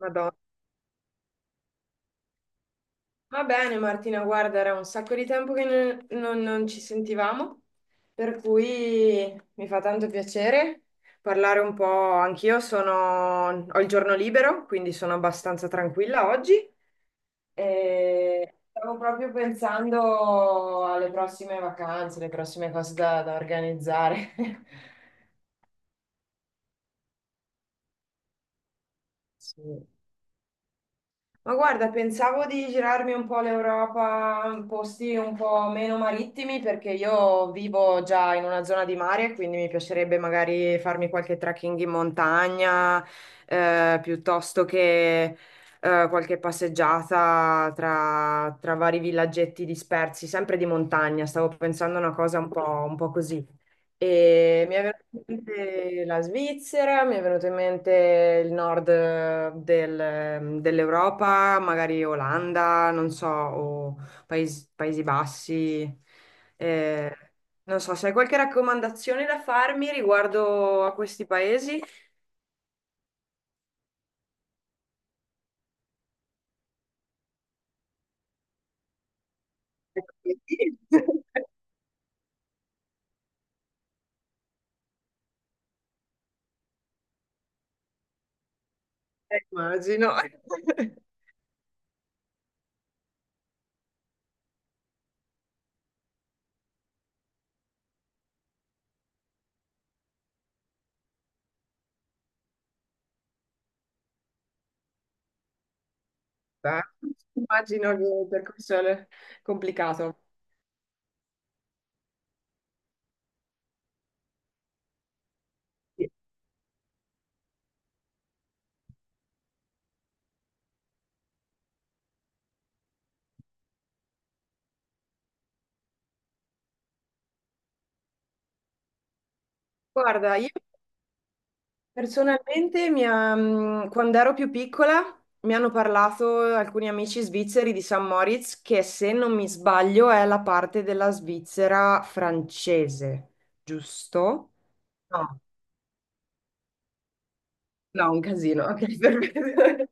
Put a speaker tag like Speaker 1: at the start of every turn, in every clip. Speaker 1: Madonna. Va bene Martina, guarda, era un sacco di tempo che non ci sentivamo, per cui mi fa tanto piacere parlare un po'. Anch'io ho il giorno libero, quindi sono abbastanza tranquilla oggi. E stavo proprio pensando alle prossime vacanze, le prossime cose da organizzare. Sì. Ma guarda, pensavo di girarmi un po' l'Europa in posti un po' meno marittimi perché io vivo già in una zona di mare, quindi mi piacerebbe magari farmi qualche trekking in montagna, piuttosto che qualche passeggiata tra vari villaggetti dispersi, sempre di montagna. Stavo pensando a una cosa un po' così. E mi è venuta in mente la Svizzera, mi è venuto in mente il nord dell'Europa, magari Olanda, non so, o Paesi Bassi. Eh, Non so, se hai qualche raccomandazione da farmi riguardo a questi paesi? Immagino. Beh, immagino che il percorso è complicato. Guarda, io personalmente, quando ero più piccola, mi hanno parlato alcuni amici svizzeri di San Moritz, che se non mi sbaglio è la parte della Svizzera francese, giusto? No, no, un casino, ok, perfetto.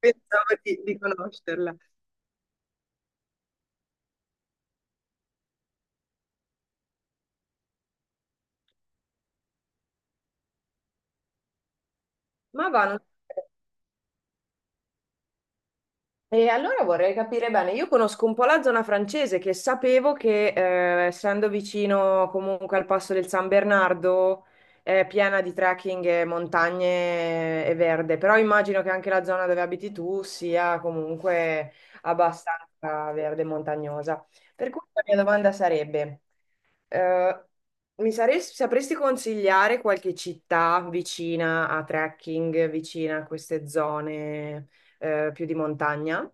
Speaker 1: Pensavo di conoscerla. Ma va, non so. E allora vorrei capire bene, io conosco un po' la zona francese che sapevo che essendo vicino comunque al passo del San Bernardo è piena di trekking e montagne e verde, però immagino che anche la zona dove abiti tu sia comunque abbastanza verde e montagnosa. Per cui la mia domanda sarebbe, eh, sapresti consigliare qualche città vicina a trekking, vicina a queste zone più di montagna?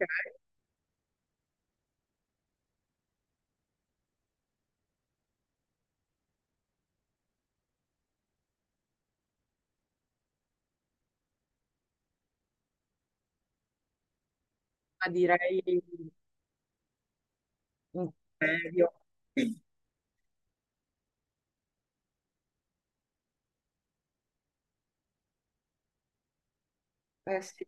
Speaker 1: Ok, ma direi un serio. Eh sì,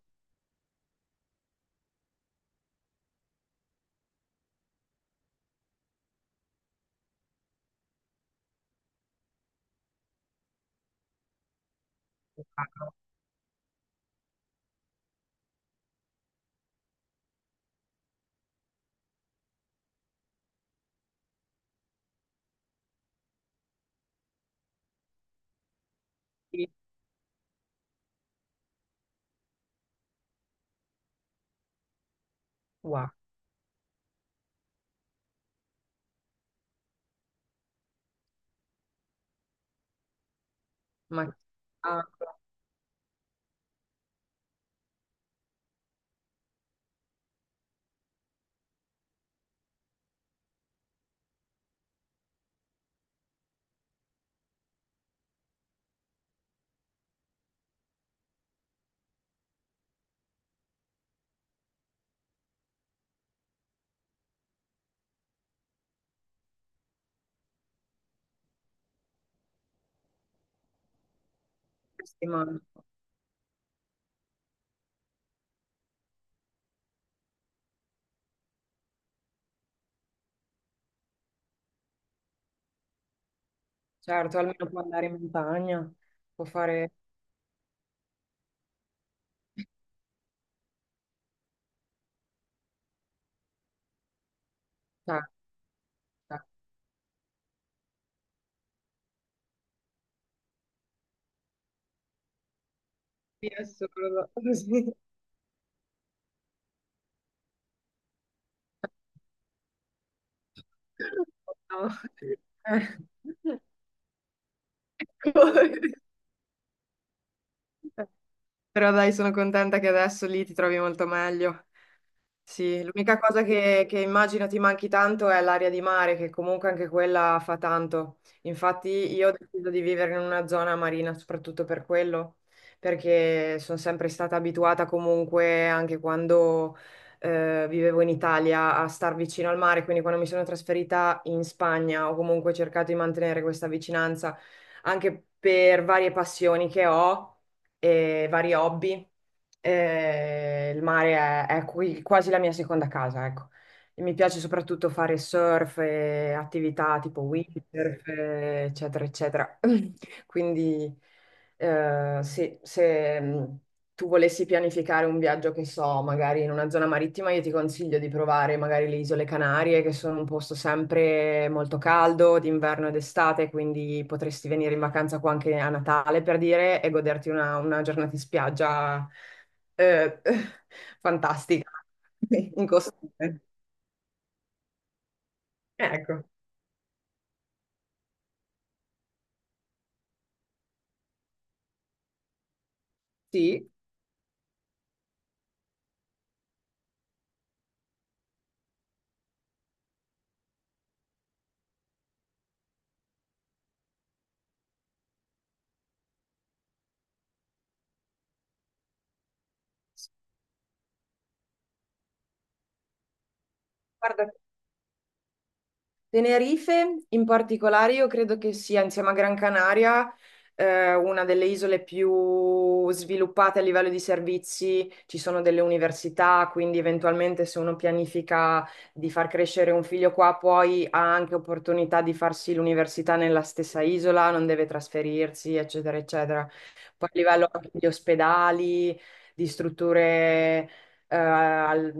Speaker 1: wow, sì, wow, ma ah, settimana. Certo, almeno può andare in montagna, può fare. Cioè, cioè, sì, è solo così. No. Eh. Ecco. Però dai, sono contenta che adesso lì ti trovi molto meglio. Sì, l'unica cosa che immagino ti manchi tanto è l'aria di mare, che comunque anche quella fa tanto. Infatti io ho deciso di vivere in una zona marina soprattutto per quello, perché sono sempre stata abituata comunque, anche quando vivevo in Italia, a star vicino al mare, quindi quando mi sono trasferita in Spagna ho comunque cercato di mantenere questa vicinanza anche per varie passioni che ho e vari hobby. Il mare è quasi la mia seconda casa, ecco. E mi piace soprattutto fare surf e attività tipo windsurf, eccetera, eccetera. Quindi, sì, se tu volessi pianificare un viaggio, che so, magari in una zona marittima, io ti consiglio di provare magari le Isole Canarie, che sono un posto sempre molto caldo, d'inverno ed estate, quindi potresti venire in vacanza qua anche a Natale, per dire, e goderti una giornata in spiaggia eh, fantastica, in costume. Ecco, sì. Guarda, Tenerife in particolare io credo che sia insieme a Gran Canaria una delle isole più sviluppate a livello di servizi, ci sono delle università, quindi eventualmente se uno pianifica di far crescere un figlio qua, poi ha anche opportunità di farsi l'università nella stessa isola, non deve trasferirsi, eccetera, eccetera. Poi a livello anche di ospedali, di strutture... eh, al-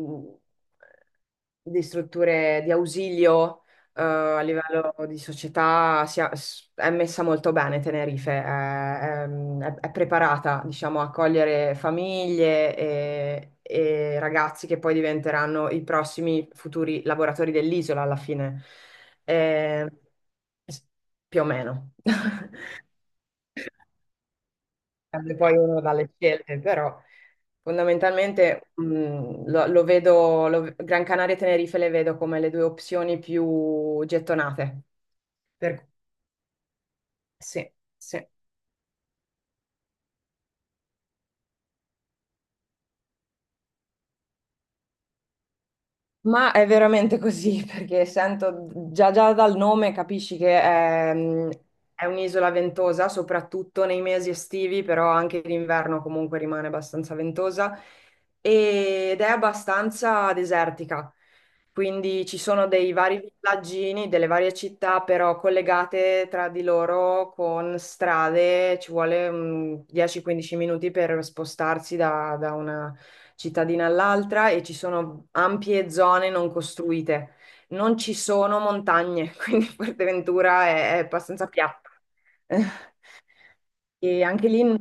Speaker 1: di strutture di ausilio a livello di società è messa molto bene Tenerife, è, è preparata, diciamo, a accogliere famiglie e ragazzi che poi diventeranno i prossimi futuri lavoratori dell'isola alla fine. Eh, s- Più o meno. Dipende poi uno dalle scelte, però fondamentalmente lo vedo. Gran Canaria e Tenerife le vedo come le due opzioni più gettonate. Per Sì, sì. Ma è veramente così, perché sento già dal nome capisci che è un'isola ventosa, soprattutto nei mesi estivi, però anche l'inverno comunque rimane abbastanza ventosa ed è abbastanza desertica. Quindi ci sono dei vari villaggini, delle varie città, però collegate tra di loro con strade, ci vuole 10-15 minuti per spostarsi da una cittadina all'altra e ci sono ampie zone non costruite. Non ci sono montagne, quindi Fuerteventura è abbastanza piatta. E anche lì non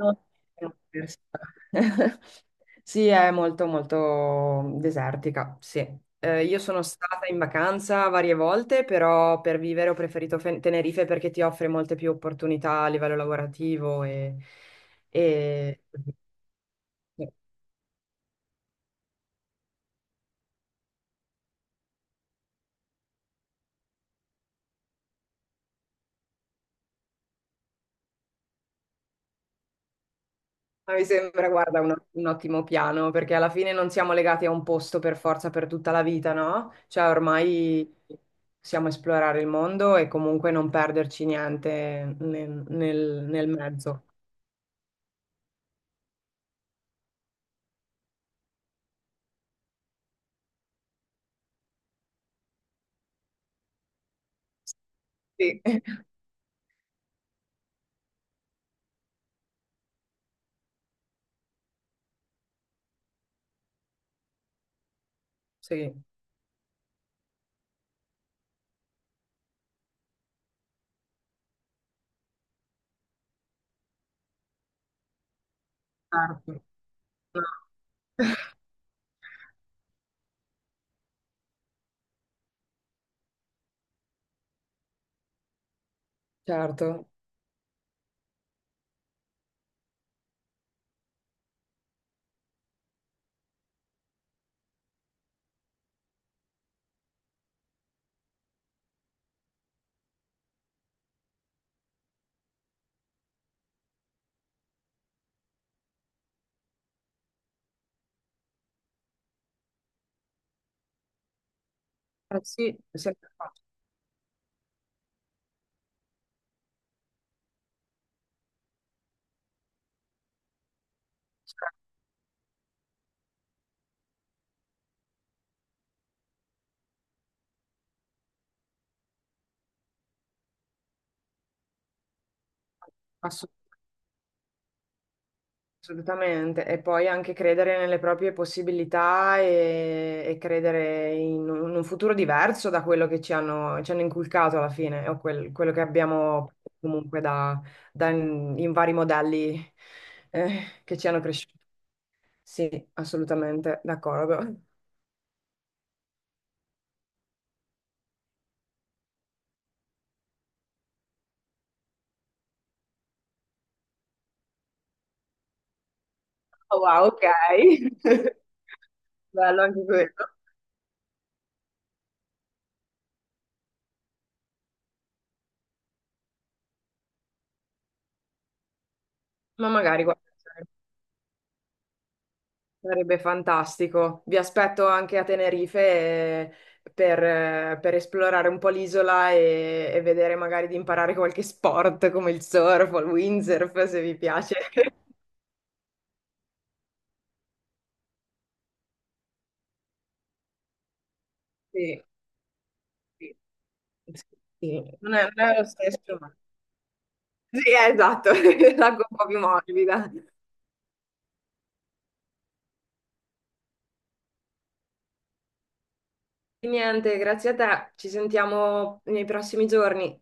Speaker 1: è una persona. Sì, è molto molto desertica, sì. Io sono stata in vacanza varie volte, però per vivere ho preferito Tenerife perché ti offre molte più opportunità a livello lavorativo. E- Ma mi sembra, guarda, un ottimo piano, perché alla fine non siamo legati a un posto per forza per tutta la vita, no? Cioè, ormai possiamo esplorare il mondo e comunque non perderci niente nel, nel mezzo. Sì, sì, certo. No. Certo. Eh sì, è sempre facile. Assolutamente, e poi anche credere nelle proprie possibilità e credere in un futuro diverso da quello che ci hanno inculcato alla fine, o quello che abbiamo comunque da in vari modelli che ci hanno cresciuto. Sì, assolutamente, d'accordo. Oh, wow, ok. Bello anche quello. Ma magari guarda. Sarebbe fantastico. Vi aspetto anche a Tenerife per esplorare un po' l'isola e vedere magari di imparare qualche sport come il surf o il windsurf se vi piace. Sì, sì, sì. Non è lo stesso, ma. Sì, esatto, l'acqua un po' più morbida. E niente, grazie a te. Ci sentiamo nei prossimi giorni.